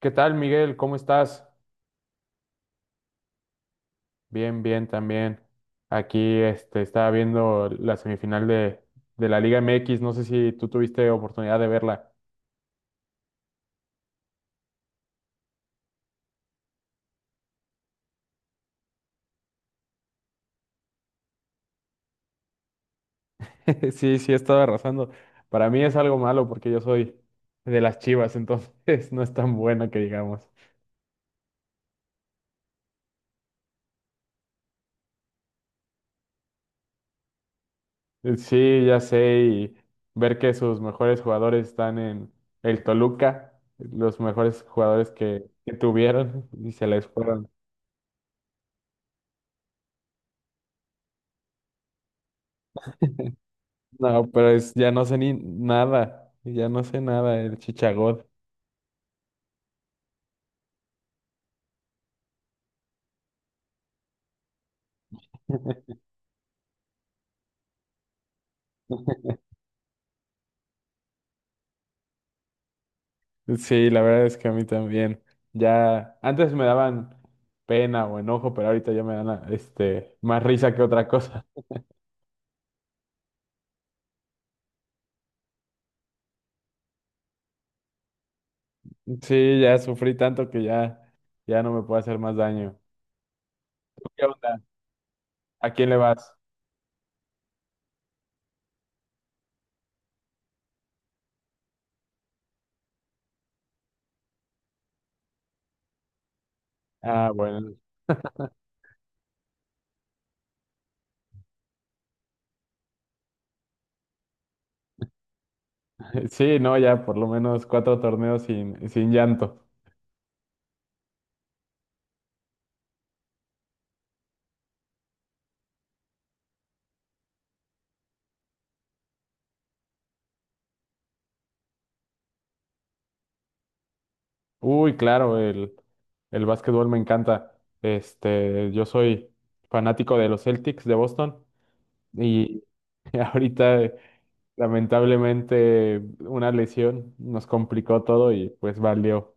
¿Qué tal, Miguel? ¿Cómo estás? Bien, bien, también. Aquí estaba viendo la semifinal de la Liga MX. No sé si tú tuviste oportunidad de verla. Sí, sí, he estado arrasando. Para mí es algo malo porque yo soy de las Chivas, entonces no es tan buena que digamos. Sí, ya sé, y ver que sus mejores jugadores están en el Toluca, los mejores jugadores que tuvieron y se les fueron. No, pero es, ya no sé ni nada, ya no sé nada el chichagod. Sí, la verdad es que a mí también. Ya, antes me daban pena o enojo, pero ahorita ya me dan más risa que otra cosa. Sí, ya sufrí tanto que ya no me puede hacer más daño. ¿Tú ¿Qué onda? ¿A quién le vas? Ah, bueno. Sí, no, ya por lo menos cuatro torneos sin llanto. Uy, claro, el básquetbol me encanta. Yo soy fanático de los Celtics de Boston. Y ahorita, lamentablemente, una lesión nos complicó todo y pues valió.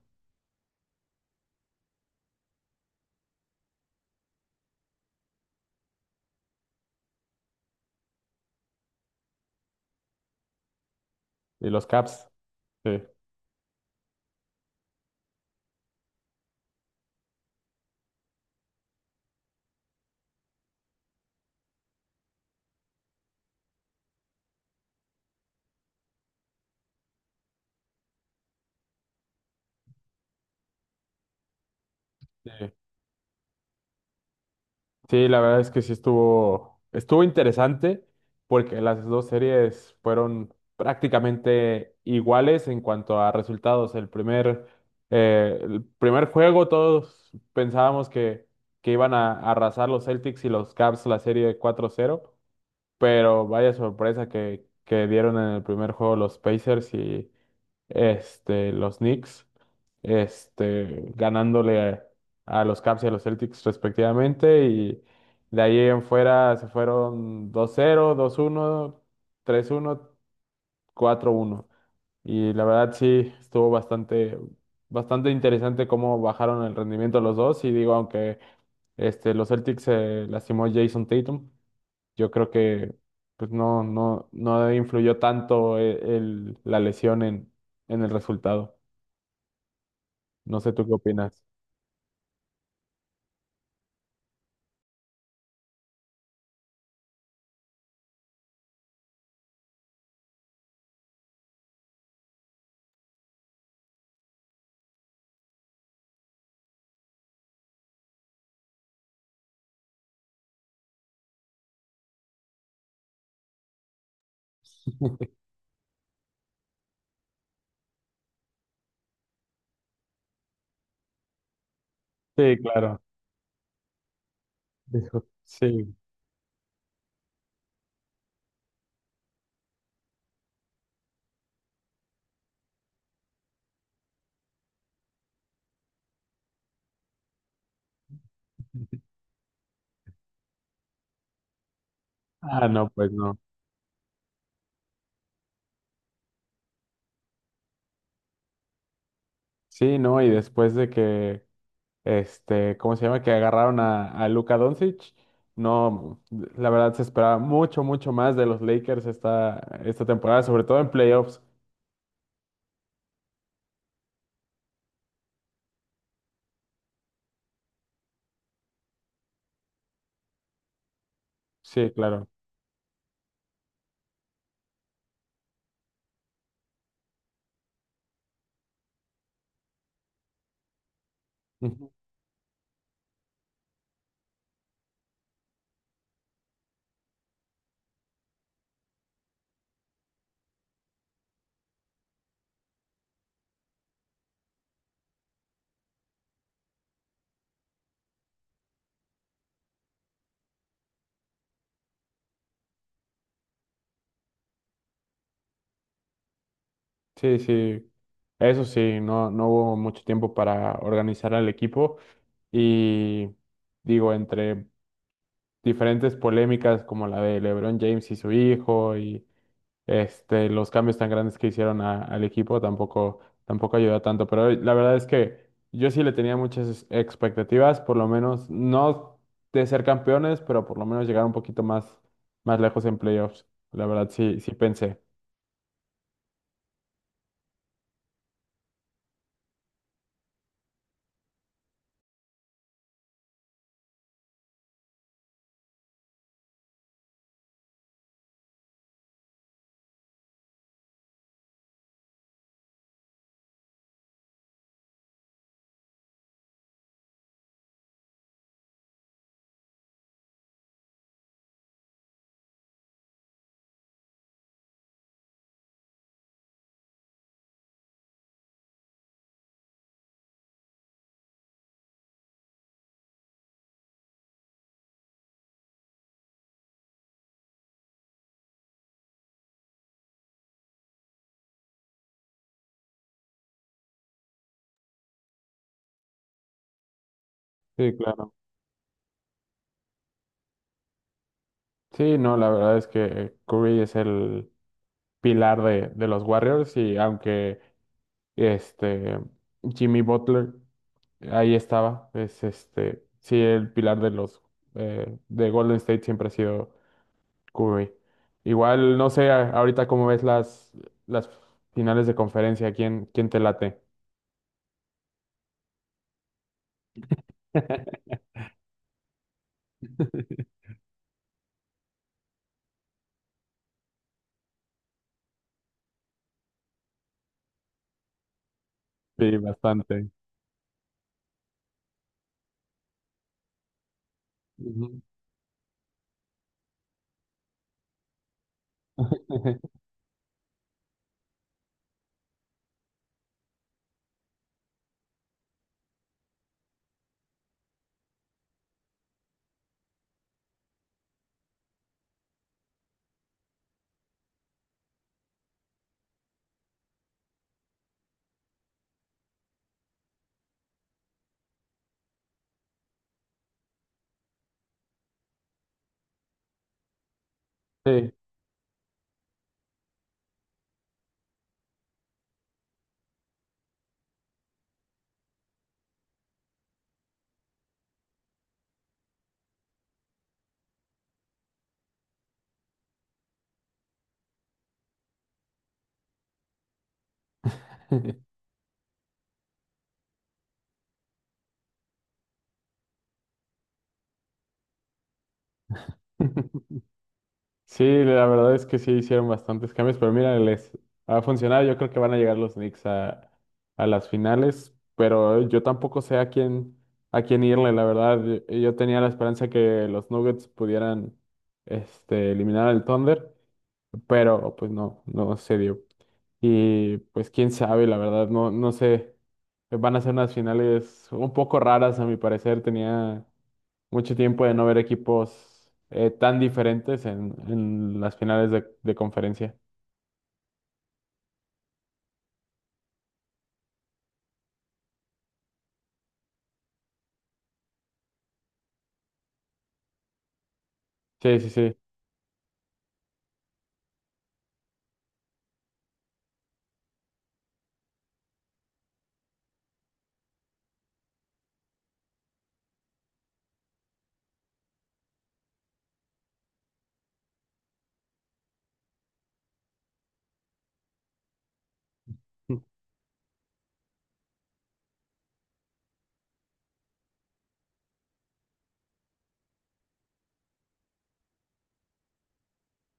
Y los Caps, sí, sí. Sí, la verdad es que sí estuvo interesante porque las dos series fueron prácticamente iguales en cuanto a resultados. El primer juego todos pensábamos que iban a arrasar los Celtics y los Caps la serie 4-0. Pero vaya sorpresa que dieron en el primer juego los Pacers y los Knicks, ganándole a los Caps y a los Celtics respectivamente. Y de ahí en fuera se fueron 2-0, 2-1, 3-1, 4-1. Y la verdad sí, estuvo bastante, bastante interesante cómo bajaron el rendimiento los dos. Y digo, aunque los Celtics se lastimó Jason Tatum, yo creo que pues no, no, no influyó tanto la lesión en el resultado. No sé tú qué opinas. Sí, claro. Dijo, sí. Ah, no, pues no. Sí, no, y después de que, ¿cómo se llama? Que agarraron a Luka Doncic, no, la verdad se esperaba mucho, mucho más de los Lakers esta temporada, sobre todo en playoffs. Sí, claro. Ujú. Sí, sí. Eso sí, no, no hubo mucho tiempo para organizar al equipo. Y digo, entre diferentes polémicas como la de LeBron James y su hijo y los cambios tan grandes que hicieron al equipo tampoco, tampoco ayudó tanto. Pero la verdad es que yo sí le tenía muchas expectativas, por lo menos no de ser campeones, pero por lo menos llegar un poquito más, más lejos en playoffs. La verdad sí, sí pensé. Sí, claro. Sí, no, la verdad es que Curry es el pilar de los Warriors y aunque Este, Jimmy Butler, ahí estaba. Es sí, el pilar de Golden State siempre ha sido Curry. Igual, no sé, ahorita cómo ves las finales de conferencia, ¿quién te late? Sí, bastante. Ujú. Sí. Sí, la verdad es que sí hicieron bastantes cambios, pero mira, les ha funcionado. Yo creo que van a llegar los Knicks a las finales, pero yo tampoco sé a quién irle, la verdad. Yo tenía la esperanza que los Nuggets pudieran eliminar al Thunder, pero pues no, no se dio. Y pues quién sabe, la verdad, no, no sé. Van a ser unas finales un poco raras, a mi parecer. Tenía mucho tiempo de no ver equipos tan diferentes en las finales de conferencia. Sí, sí, sí.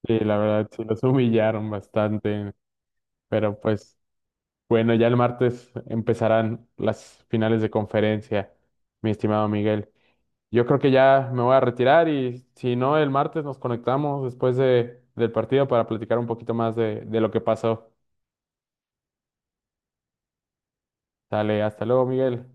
Sí, la verdad, sí, los humillaron bastante. Pero pues, bueno, ya el martes empezarán las finales de conferencia, mi estimado Miguel. Yo creo que ya me voy a retirar y si no, el martes nos conectamos después del partido para platicar un poquito más de lo que pasó. Dale, hasta luego, Miguel.